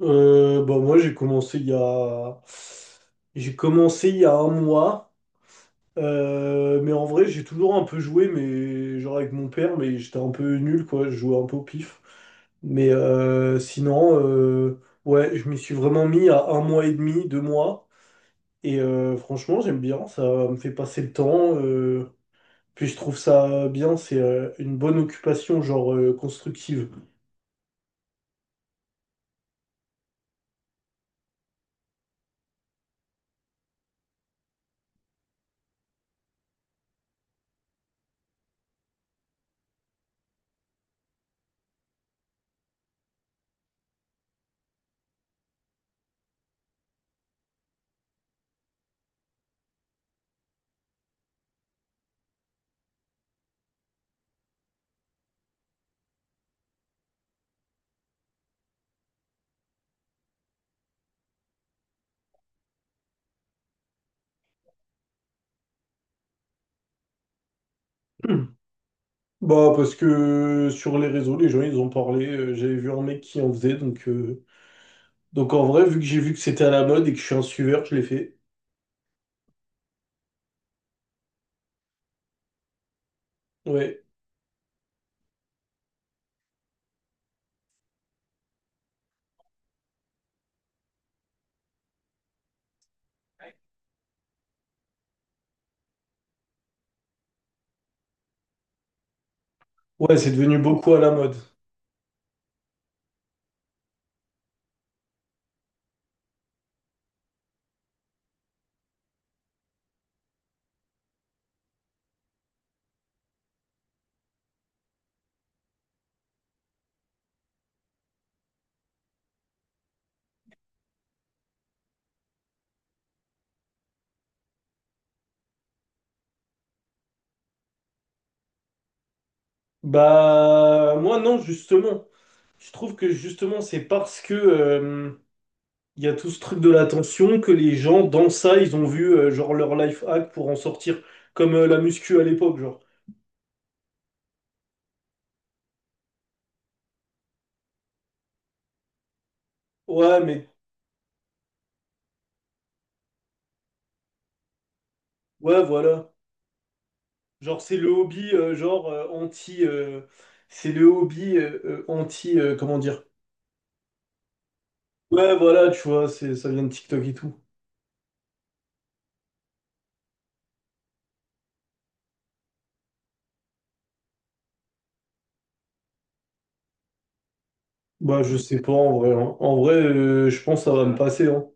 J'ai commencé il y a... J'ai commencé il y a un mois. Mais en vrai, j'ai toujours un peu joué, mais genre avec mon père, mais j'étais un peu nul, quoi. Je jouais un peu au pif. Mais sinon, ouais, je m'y suis vraiment mis à un mois et demi, deux mois. Franchement, j'aime bien, ça me fait passer le temps. Puis je trouve ça bien, c'est une bonne occupation, genre constructive. Bah, parce que sur les réseaux, les gens, ils ont parlé. J'avais vu un mec qui en faisait. Donc en vrai, vu que j'ai vu que c'était à la mode et que je suis un suiveur, je l'ai fait. Ouais. Ouais, c'est devenu beaucoup à la mode. Bah, moi, non, justement. Je trouve que justement, c'est parce que il y a tout ce truc de l'attention que les gens, dans ça, ils ont vu genre leur life hack pour en sortir. Comme la muscu à l'époque, genre. Ouais, mais ouais, voilà. Genre, c'est le hobby, genre, anti. C'est le hobby anti. Comment dire? Ouais, voilà, tu vois, c'est, ça vient de TikTok et tout. Bah, je sais pas, en vrai, hein. En vrai, je pense que ça va me passer. Hein.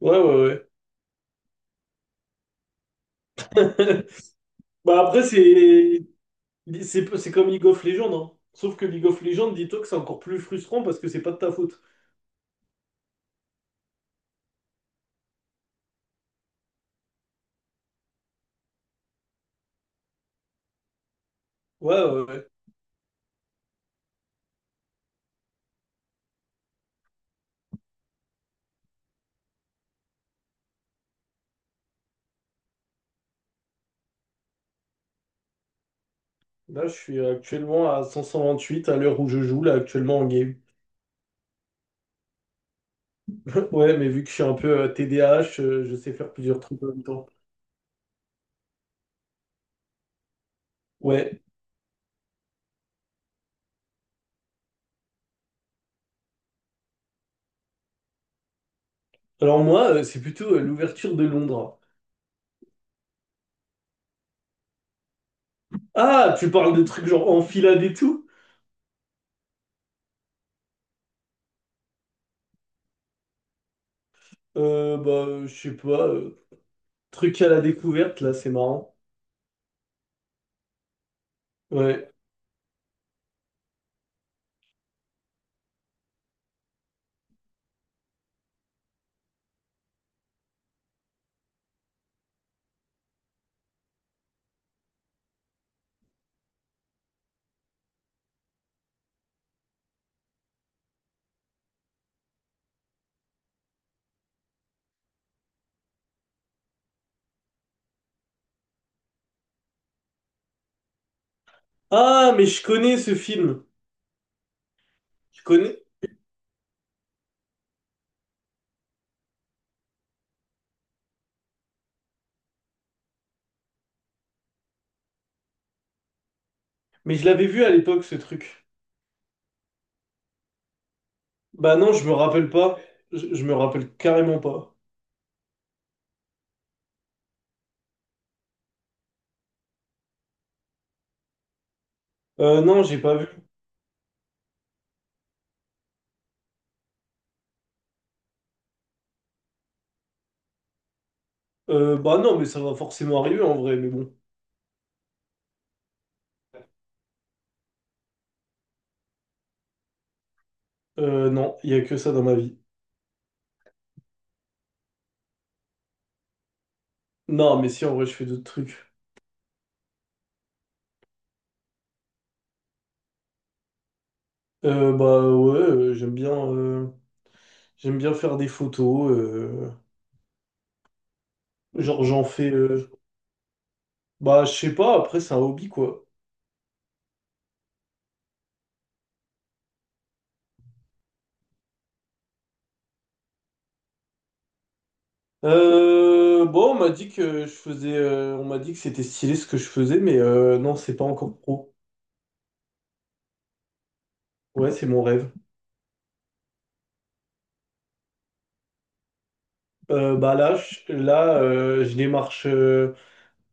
Ouais, ouais, ouais. Bah, après, c'est. C'est comme League of Legends, hein. Sauf que League of Legends, dis-toi que c'est encore plus frustrant parce que c'est pas de ta faute. Ouais, ouais, ouais. Là, je suis actuellement à 528 à l'heure où je joue, là, actuellement en game. Ouais, mais vu que je suis un peu TDAH, je sais faire plusieurs trucs en même temps. Ouais. Alors moi, c'est plutôt l'ouverture de Londres. Ah, tu parles de trucs genre enfilade et tout? Bah, je sais pas. Truc à la découverte, là, c'est marrant. Ouais. Ah, mais je connais ce film. Je connais. Mais je l'avais vu à l'époque, ce truc. Bah non, je me rappelle pas. Je me rappelle carrément pas. Non, j'ai pas vu. Bah non, mais ça va forcément arriver en vrai, mais bon. Non, il y a que ça dans ma vie. Non, mais si, en vrai, je fais d'autres trucs. Bah ouais, j'aime bien... J'aime bien faire des photos. Genre, j'en fais. Bah, je sais pas, après, c'est un hobby, quoi. Bon, on m'a dit que je faisais. On m'a dit que c'était stylé ce que je faisais, mais non, c'est pas encore pro. Ouais, c'est mon rêve. Bah là, je démarche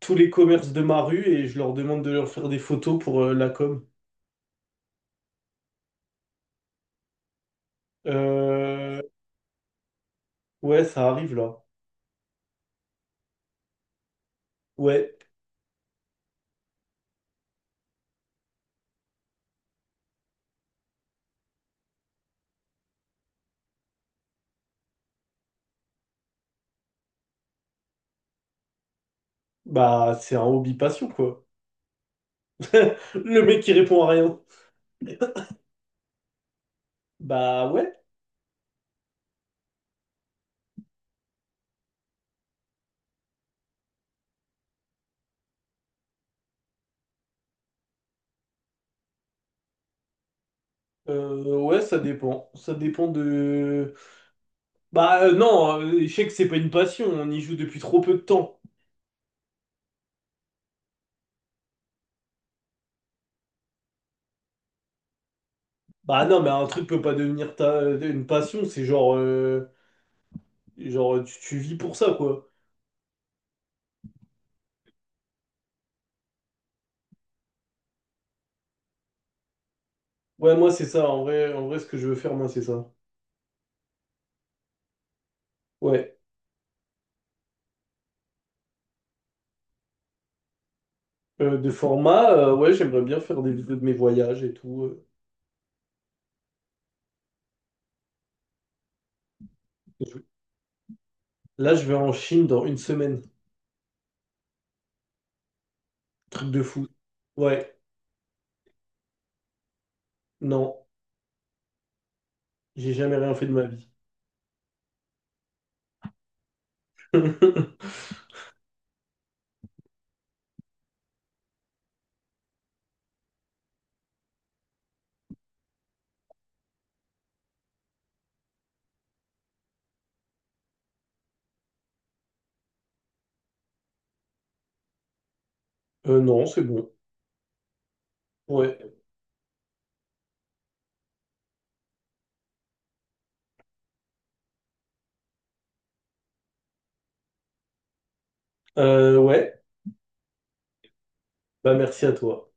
tous les commerces de ma rue et je leur demande de leur faire des photos pour la com. Euh, Ouais, ça arrive là. Ouais, bah c'est un hobby passion quoi. Le mec qui répond à rien. Bah ouais. Ouais, ça dépend. Ça dépend de... Bah non, l'échec, c'est pas une passion, on y joue depuis trop peu de temps. Bah non, mais un truc peut pas devenir ta... une passion, c'est genre... Genre, tu vis pour ça, quoi. Ouais, moi, c'est ça, en vrai, ce que je veux faire, moi, c'est ça. Ouais. De format, ouais, j'aimerais bien faire des vidéos de mes voyages et tout. Je- Là, je vais en Chine dans une semaine. Truc de fou. Ouais, non, j'ai jamais rien fait de ma vie. Non, c'est bon. Ouais. Ouais. Bah, merci à toi.